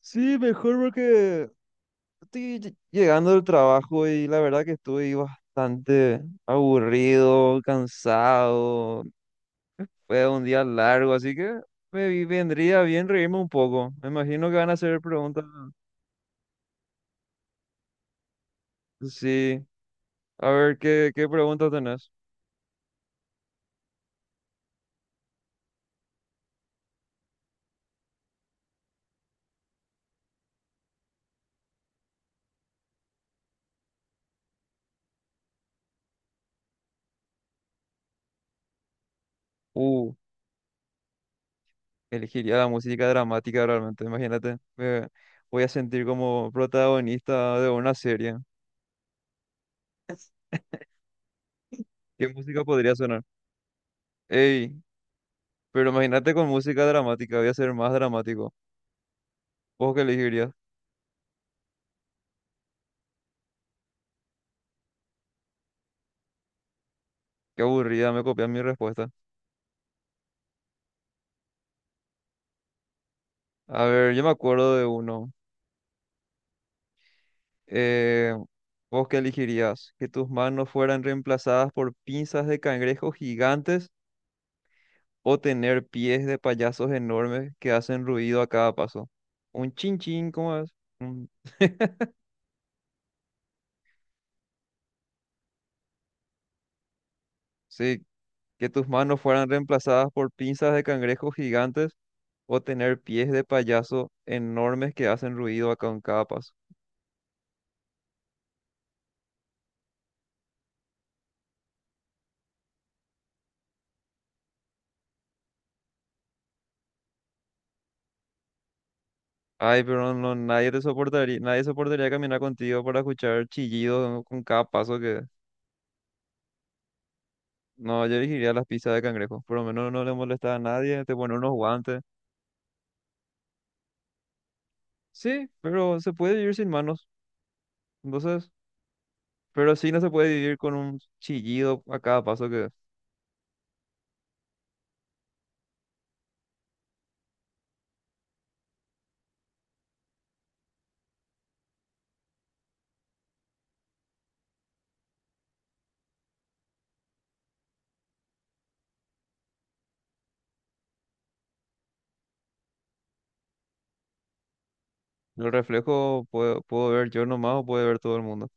Sí, mejor porque estoy llegando del trabajo y la verdad que estoy bastante aburrido, cansado. Fue un día largo, así que me vendría bien reírme un poco. Me imagino que van a hacer preguntas. Sí, a ver qué, preguntas tenés. Uh, Elegiría la música dramática realmente, imagínate. Me voy a sentir como protagonista de una serie. ¿Qué música podría sonar? Ey. Pero imagínate con música dramática, voy a ser más dramático. ¿Vos qué elegirías? Qué aburrida, me copian mi respuesta. A ver, yo me acuerdo de uno. Eh, ¿Vos qué elegirías? ¿Que tus manos fueran reemplazadas por pinzas de cangrejos gigantes o tener pies de payasos enormes que hacen ruido a cada paso? Un chin chin, ¿cómo es? Un- Sí, que tus manos fueran reemplazadas por pinzas de cangrejos gigantes o tener pies de payaso enormes que hacen ruido a con cada paso. Ay, pero no, nadie te soportaría, nadie soportaría caminar contigo para escuchar chillidos con cada paso que... No, yo elegiría las pizzas de cangrejo. Por lo menos no le molesta a nadie, te pone unos guantes. Sí, pero se puede vivir sin manos. Entonces, pero sí no se puede vivir con un chillido a cada paso que... El reflejo puedo ver yo nomás o puede ver todo el mundo.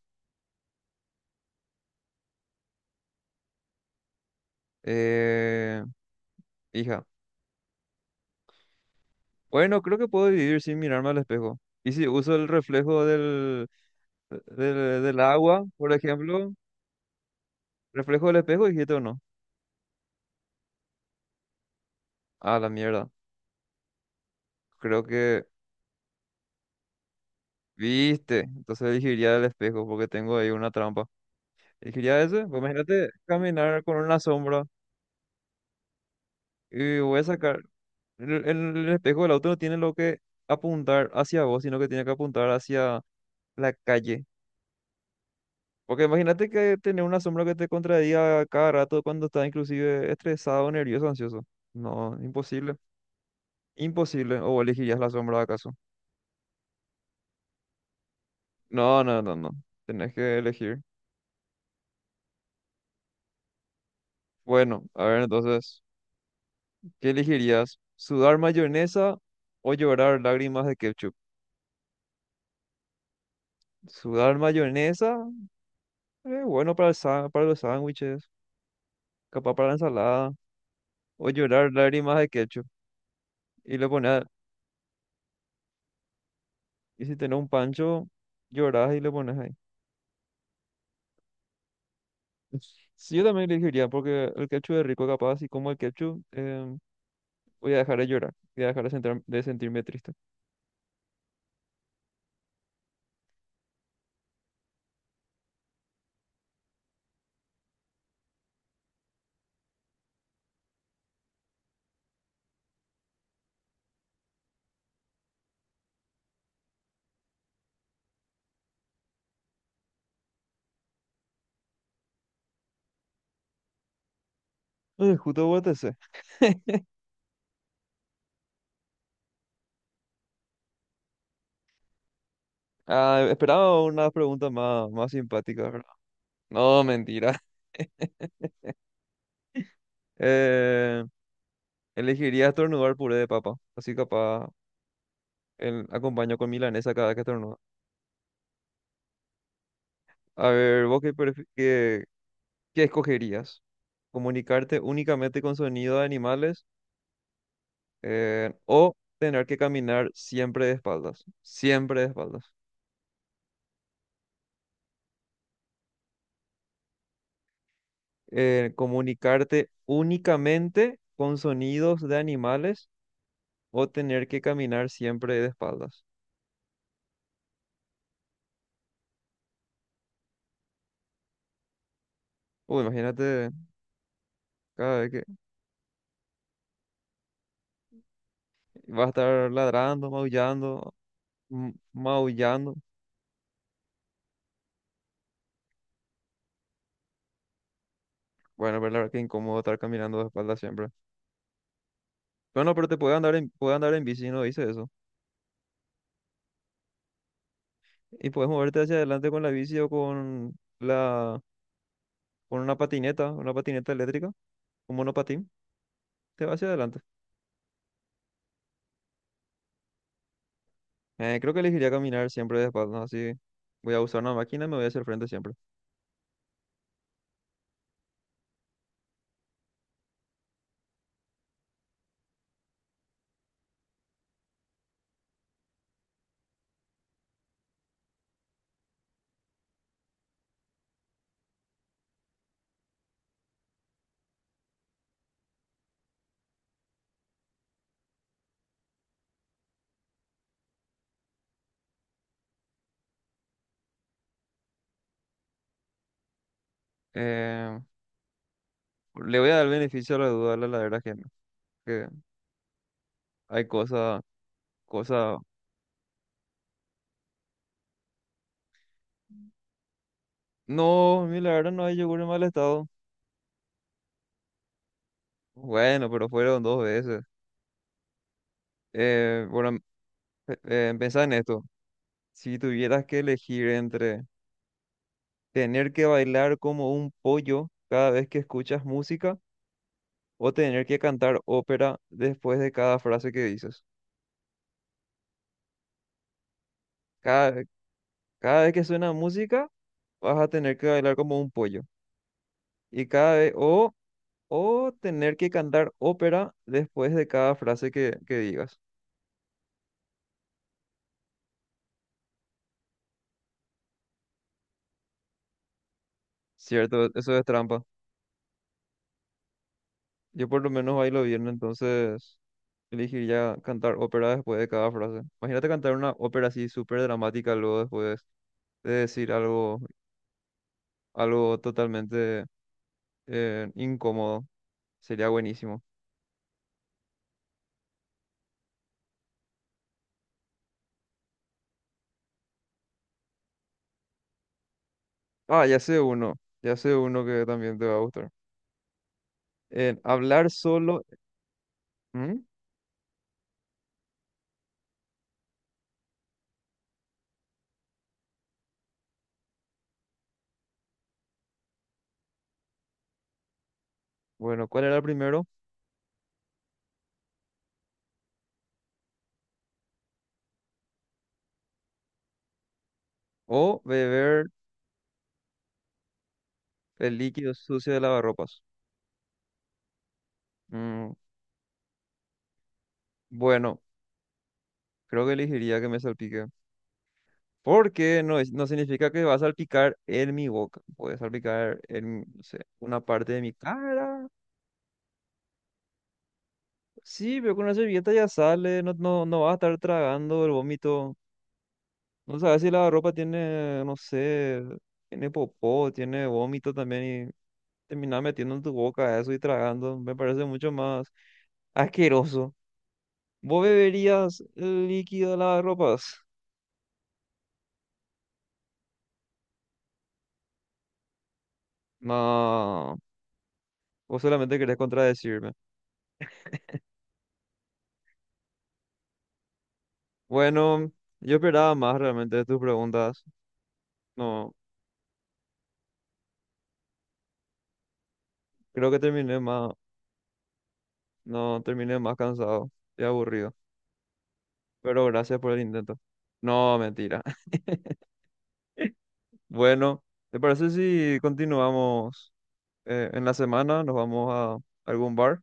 Eh, Hija. Bueno, creo que puedo vivir sin mirarme al espejo. Y si uso el reflejo del agua, por ejemplo... Reflejo del espejo, dijiste o no. Ah, la mierda. Creo que viste. Entonces elegiría el espejo porque tengo ahí una trampa. Elegiría ese. Pues imagínate caminar con una sombra y voy a sacar. El, el- el espejo del auto no tiene lo que apuntar hacia vos, sino que tiene que apuntar hacia la calle. Porque imagínate que tener una sombra que te contradiga cada rato cuando estás inclusive estresado, nervioso, ansioso. No, imposible. Imposible. ¿O elegirías la sombra acaso? No, no, no, no. Tenés que elegir. Bueno, a ver entonces, ¿qué elegirías? ¿Sudar mayonesa o llorar lágrimas de ketchup? Sudar mayonesa, bueno para para los sándwiches, capaz para la ensalada, o llorar lágrimas de ketchup. Y le pones, y si tenés un pancho, llorás y le pones ahí. Sí, yo también elegiría porque el ketchup es rico, capaz, y como el ketchup, voy a dejar de llorar, voy a dejar de sentirme triste. Justo votese. Ah, esperaba una pregunta más, más simpática, ¿verdad? No, mentira. Eh, Elegiría estornudar puré de papa. Así capaz el, acompaño con milanesa cada que estornudo. A ver, ¿vos qué, escogerías? ¿Comunicarte únicamente con sonido de animales o tener que caminar siempre de espaldas? Siempre de espaldas. ¿Comunicarte únicamente con sonidos de animales o tener que caminar siempre de espaldas? Uy, imagínate cada vez que va a estar ladrando, maullando. Maullando. Bueno, pero la verdad que incómodo estar caminando de espalda siempre. Bueno, pero te puede andar en bici, no dice eso. Y puedes moverte hacia adelante con la bici o con la, con una patineta eléctrica, un monopatín, te va hacia adelante. Creo que elegiría caminar siempre de espalda, así voy a usar una máquina y me voy hacia el frente siempre. Eh, Le voy a dar el beneficio a la duda a la ladera ajena, que hay cosas, cosas. No, mi ladera no hay yogur en mal estado. Bueno, pero fueron dos veces. Eh, bueno, Pensá en esto. Si tuvieras que elegir entre tener que bailar como un pollo cada vez que escuchas música o tener que cantar ópera después de cada frase que dices. Cada, Cada vez que suena música, vas a tener que bailar como un pollo. Y cada vez, o tener que cantar ópera después de cada frase que digas. Cierto, eso es trampa. Yo por lo menos bailo bien, entonces elegir cantar ópera después de cada frase. Imagínate cantar una ópera así súper dramática luego después de decir algo, totalmente incómodo. Sería buenísimo. Ah, ya sé uno que también te va a gustar. En hablar solo. ¿Mm? Bueno, ¿cuál era el primero? O beber el líquido sucio de lavarropas. Mm, bueno, creo que elegiría que me salpique. Porque no, no significa que va a salpicar en mi boca. Puede salpicar en, no sé, una parte de mi cara. Sí, pero con una servilleta ya sale. No, no, no vas a estar tragando el vómito. No sabes si la ropa tiene, no sé, tiene popó, tiene vómito también. Y terminar metiendo en tu boca eso y tragando. Me parece mucho más asqueroso. ¿Vos beberías el líquido de las ropas? No. ¿O solamente querés contradecirme? Bueno, yo esperaba más realmente de tus preguntas. No, creo que terminé más, no, terminé más cansado y aburrido. Pero gracias por el intento. No, mentira. Bueno, ¿te parece si continuamos en la semana? ¿Nos vamos a algún bar?